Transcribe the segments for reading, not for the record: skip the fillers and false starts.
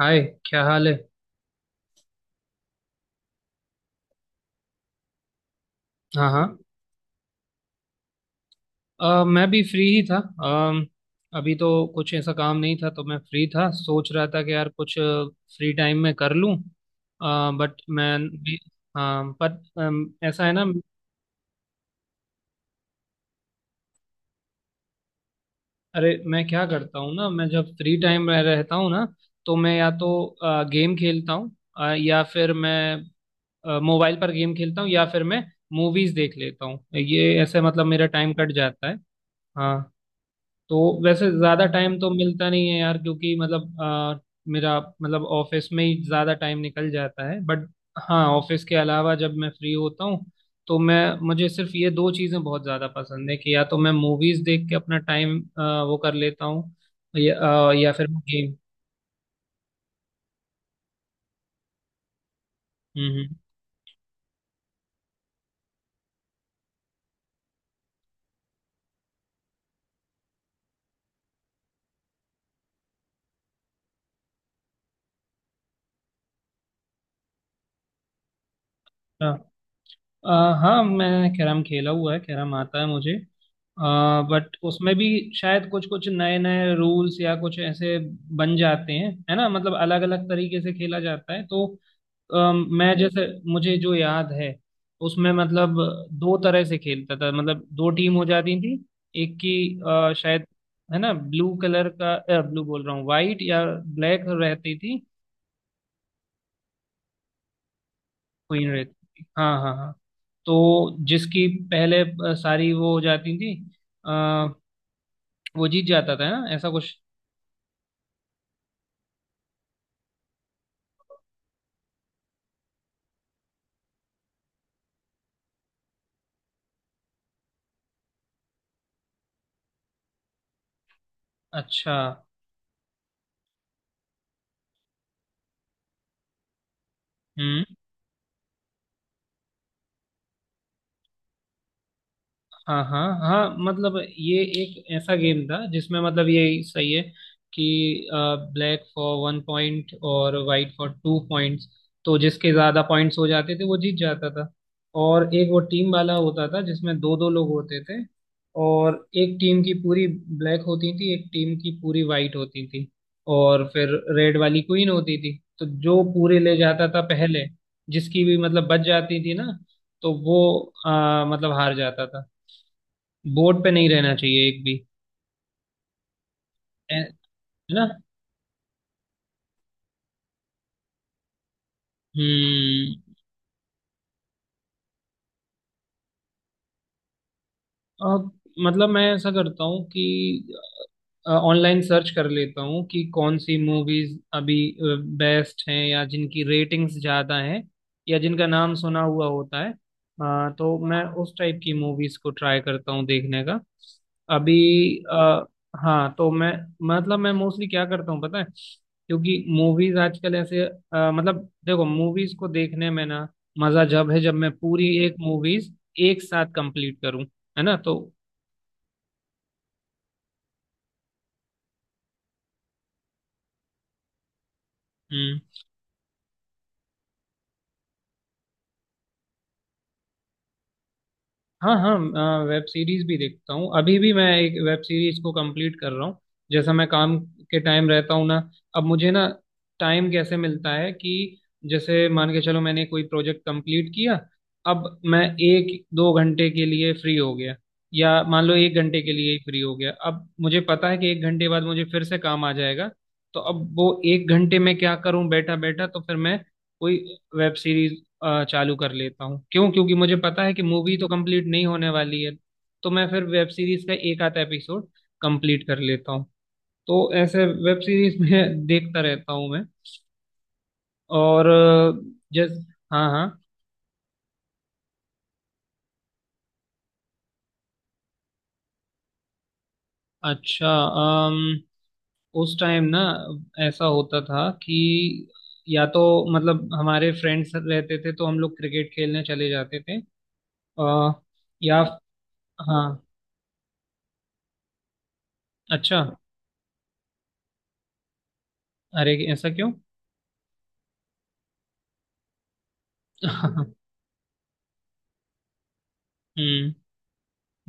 हाय, क्या हाल है। हाँ, हाँ। मैं भी फ्री ही था। अम, अभी तो कुछ ऐसा काम नहीं था, तो मैं फ्री था। सोच रहा था कि यार कुछ फ्री टाइम में कर लूं। बट मैं भी। हाँ, पर ऐसा है ना। अरे, मैं क्या करता हूँ ना, मैं जब फ्री टाइम में रहता हूँ ना, तो मैं या तो गेम खेलता हूँ। या फिर मैं मोबाइल पर गेम खेलता हूँ या फिर मैं मूवीज देख लेता हूँ। ये ऐसे मतलब मेरा टाइम कट जाता है। हाँ, तो वैसे ज्यादा टाइम तो मिलता नहीं है यार, क्योंकि मतलब मेरा मतलब ऑफिस में ही ज्यादा टाइम निकल जाता है। बट। हाँ, ऑफिस के अलावा जब मैं फ्री होता हूँ तो मैं मुझे सिर्फ ये दो चीजें बहुत ज्यादा पसंद है कि या तो मैं मूवीज देख के अपना टाइम वो कर लेता हूँ, या या फिर गेम। हम्म, हम्म। हाँ। अ, हाँ, मैंने कैरम खेला हुआ है। कैरम आता है मुझे, बट उसमें भी शायद कुछ कुछ नए नए रूल्स या कुछ ऐसे बन जाते हैं, है ना। मतलब अलग अलग तरीके से खेला जाता है तो मैं जैसे, मुझे जो याद है उसमें, मतलब दो तरह से खेलता था। मतलब दो टीम हो जाती थी, एक की शायद, है ना, ब्लू कलर का। ब्लू बोल रहा हूँ, वाइट या ब्लैक रहती थी। क्वीन रहती थी, हाँ, हाँ, हाँ। तो जिसकी पहले सारी वो हो जाती थी, आ, वो जीत जाता था ना, ऐसा कुछ। अच्छा। हम्म। हाँ, हाँ, हाँ। मतलब ये एक ऐसा गेम था जिसमें मतलब ये सही है कि ब्लैक फॉर 1 पॉइंट और वाइट फॉर 2 पॉइंट्स। तो जिसके ज़्यादा पॉइंट्स हो जाते थे वो जीत जाता था। और एक वो टीम वाला होता था जिसमें दो दो लोग होते थे, और एक टीम की पूरी ब्लैक होती थी, एक टीम की पूरी वाइट होती थी, और फिर रेड वाली क्वीन होती थी। तो जो पूरे ले जाता था पहले, जिसकी भी मतलब बच जाती थी ना, तो वो मतलब हार जाता था। बोर्ड पे नहीं रहना चाहिए एक भी। है ना। हम्म। अब मतलब मैं ऐसा करता हूँ कि ऑनलाइन सर्च कर लेता हूँ कि कौन सी मूवीज अभी बेस्ट हैं या जिनकी रेटिंग्स ज़्यादा हैं या जिनका नाम सुना हुआ होता है। तो मैं उस टाइप की मूवीज को ट्राई करता हूँ देखने का। अभी अ, हाँ, तो मैं मतलब मैं मोस्टली क्या करता हूँ पता है, क्योंकि मूवीज आजकल ऐसे, मतलब देखो, मूवीज को देखने में ना, मज़ा जब है जब मैं पूरी एक मूवीज एक साथ कंप्लीट करूँ, है ना, तो। हम्म। हाँ, हाँ। वेब सीरीज भी देखता हूँ, अभी भी मैं एक वेब सीरीज को कंप्लीट कर रहा हूँ। जैसा मैं काम के टाइम रहता हूँ ना, अब मुझे ना टाइम कैसे मिलता है कि जैसे मान के चलो मैंने कोई प्रोजेक्ट कंप्लीट किया, अब मैं एक दो घंटे के लिए फ्री हो गया। या मान लो 1 घंटे के लिए ही फ्री हो गया, अब मुझे पता है कि 1 घंटे बाद मुझे फिर से काम आ जाएगा। तो अब वो 1 घंटे में क्या करूं बैठा बैठा, तो फिर मैं कोई वेब सीरीज चालू कर लेता हूँ। क्यों? क्योंकि मुझे पता है कि मूवी तो कंप्लीट नहीं होने वाली है। तो मैं फिर वेब सीरीज का एक आधा एपिसोड कंप्लीट कर लेता हूँ। तो ऐसे वेब सीरीज में देखता रहता हूँ मैं। और जस हाँ, हाँ। अच्छा। अम, उस टाइम ना, ऐसा होता था कि या तो मतलब हमारे फ्रेंड्स रहते थे तो हम लोग क्रिकेट खेलने चले जाते थे। अ, या। हाँ, अच्छा। अरे, ऐसा क्यों? हम्म।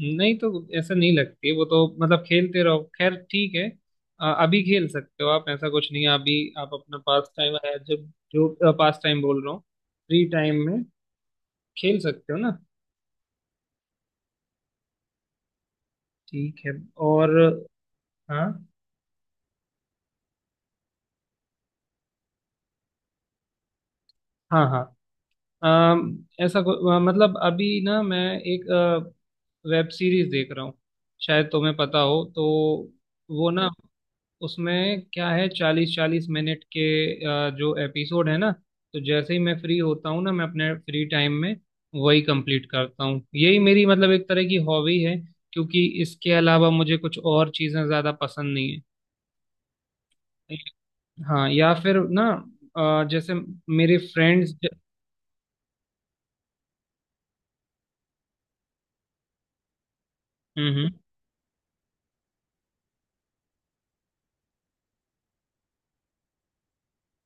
नहीं, तो ऐसा नहीं लगती वो तो, मतलब खेलते रहो, खैर ठीक है। अभी खेल सकते हो आप, ऐसा कुछ नहीं है। अभी आप अपना पास टाइम है, जब जो पास टाइम बोल रहा हूँ फ्री टाइम में, खेल सकते हो ना। ठीक है। और। हाँ, हाँ, हाँ। मतलब अभी ना मैं एक वेब सीरीज देख रहा हूँ, शायद तुम्हें पता हो तो। वो ना, उसमें क्या है, 40-40 मिनट के जो एपिसोड है ना। तो जैसे ही मैं फ्री होता हूँ ना, मैं अपने फ्री टाइम में वही कंप्लीट करता हूँ। यही मेरी मतलब एक तरह की हॉबी है, क्योंकि इसके अलावा मुझे कुछ और चीज़ें ज़्यादा पसंद नहीं है। हाँ, या फिर ना जैसे मेरे फ्रेंड्स। हम्म,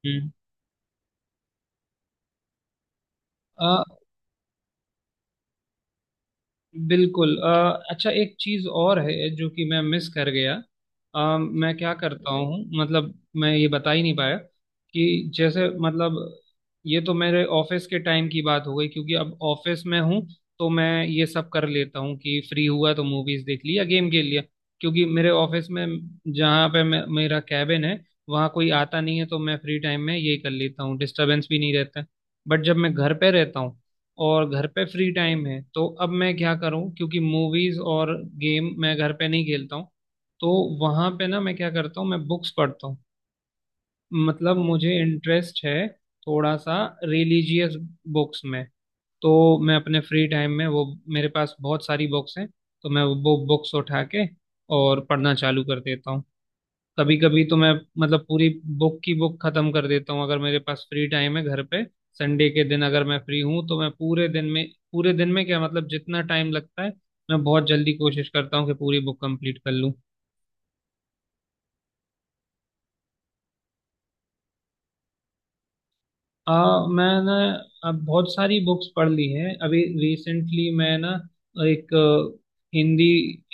हम्म, हम्म। बिल्कुल। अच्छा, एक चीज और है जो कि मैं मिस कर गया। मैं क्या करता हूँ मतलब, मैं ये बता ही नहीं पाया कि जैसे मतलब, ये तो मेरे ऑफिस के टाइम की बात हो गई क्योंकि अब ऑफिस में हूँ, तो मैं ये सब कर लेता हूँ कि फ्री हुआ तो मूवीज देख ली या गेम खेल लिया। क्योंकि मेरे ऑफिस में जहाँ पे मेरा कैबिन है, वहाँ कोई आता नहीं है, तो मैं फ्री टाइम में ये कर लेता हूँ, डिस्टरबेंस भी नहीं रहता। बट जब मैं घर पे रहता हूँ और घर पे फ्री टाइम है, तो अब मैं क्या करूं? क्योंकि मूवीज और गेम मैं घर पे नहीं खेलता हूं। तो वहां पे ना, मैं क्या करता हूँ, मैं बुक्स पढ़ता हूँ। मतलब मुझे इंटरेस्ट है थोड़ा सा रिलीजियस बुक्स में। तो मैं अपने फ्री टाइम में वो, मेरे पास बहुत सारी बुक्स हैं, तो मैं वो बुक्स उठा के और पढ़ना चालू कर देता हूँ। कभी कभी तो मैं मतलब पूरी बुक की बुक खत्म कर देता हूँ, अगर मेरे पास फ्री टाइम है घर पे। संडे के दिन अगर मैं फ्री हूँ तो मैं पूरे दिन में, पूरे दिन में क्या मतलब जितना टाइम लगता है, मैं बहुत जल्दी कोशिश करता हूँ कि पूरी बुक कंप्लीट कर लूँ। आ मैंने अब बहुत सारी बुक्स पढ़ ली हैं। अभी रिसेंटली मैं ना एक हिंदी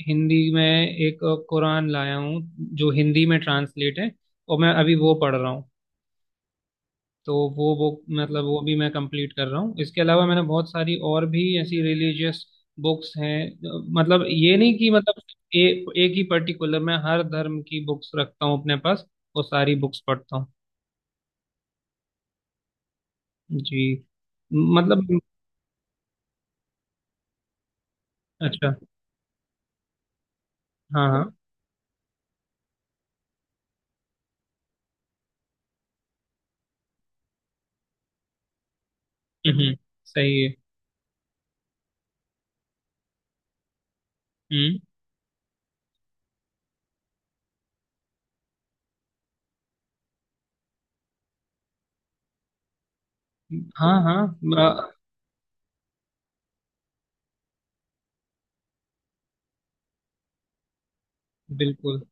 हिंदी में एक कुरान लाया हूँ, जो हिंदी में ट्रांसलेट है और मैं अभी वो पढ़ रहा हूँ। तो वो बुक मतलब वो भी मैं कंप्लीट कर रहा हूँ। इसके अलावा मैंने बहुत सारी और भी ऐसी रिलीजियस बुक्स हैं। मतलब ये नहीं कि मतलब ए, एक ही पर्टिकुलर, मैं हर धर्म की बुक्स रखता हूँ अपने पास, वो सारी बुक्स पढ़ता हूँ। जी। मतलब अच्छा। हाँ, हाँ। हम्म, सही है। हम्म। हाँ, हाँ। अ, बिल्कुल।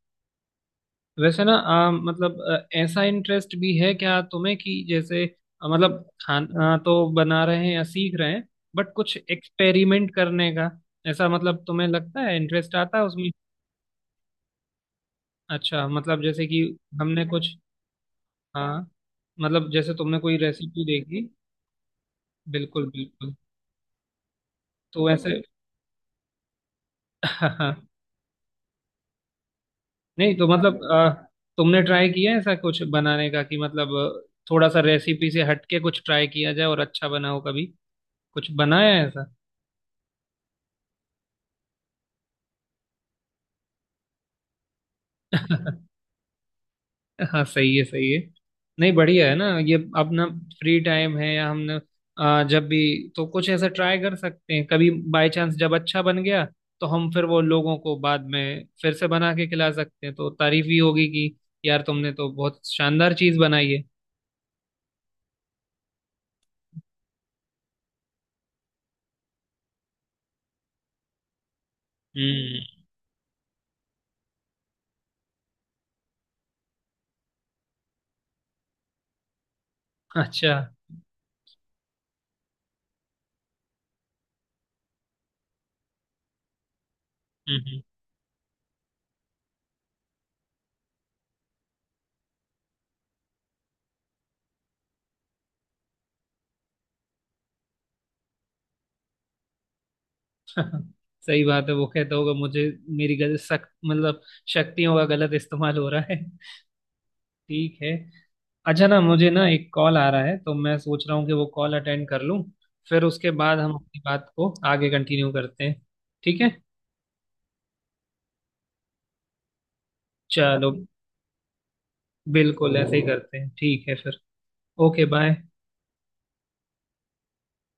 वैसे ना मतलब ऐसा इंटरेस्ट भी है क्या तुम्हें कि जैसे मतलब खाना तो बना रहे हैं या सीख रहे हैं, बट कुछ एक्सपेरिमेंट करने का ऐसा मतलब तुम्हें लगता है इंटरेस्ट आता है उसमें? अच्छा, मतलब जैसे कि हमने कुछ, हाँ, मतलब जैसे तुमने कोई रेसिपी देखी। बिल्कुल, बिल्कुल। तो वैसे नहीं तो मतलब तुमने ट्राई किया है ऐसा कुछ बनाने का कि मतलब थोड़ा सा रेसिपी से हटके कुछ ट्राई किया जाए और अच्छा बनाओ, कभी कुछ बनाया है? ऐसा। हाँ, सही है, सही है। नहीं, बढ़िया है ना, ये अपना फ्री टाइम है या हमने जब भी तो कुछ ऐसा ट्राई कर सकते हैं। कभी बाय चांस जब अच्छा बन गया, तो हम फिर वो लोगों को बाद में फिर से बना के खिला सकते हैं, तो तारीफ भी होगी कि यार तुमने तो बहुत शानदार चीज बनाई है। हम्म, अच्छा। हम्म, हम्म। सही बात है, वो कहता होगा मुझे, मेरी गलत सक मतलब शक्तियों का गलत इस्तेमाल हो रहा है। ठीक है। अच्छा, ना मुझे ना एक कॉल आ रहा है तो मैं सोच रहा हूँ कि वो कॉल अटेंड कर लूँ, फिर उसके बाद हम अपनी बात को आगे कंटिन्यू करते हैं। ठीक है, चलो। बिल्कुल, ऐसे ही करते हैं, ठीक है फिर। Okay, bye.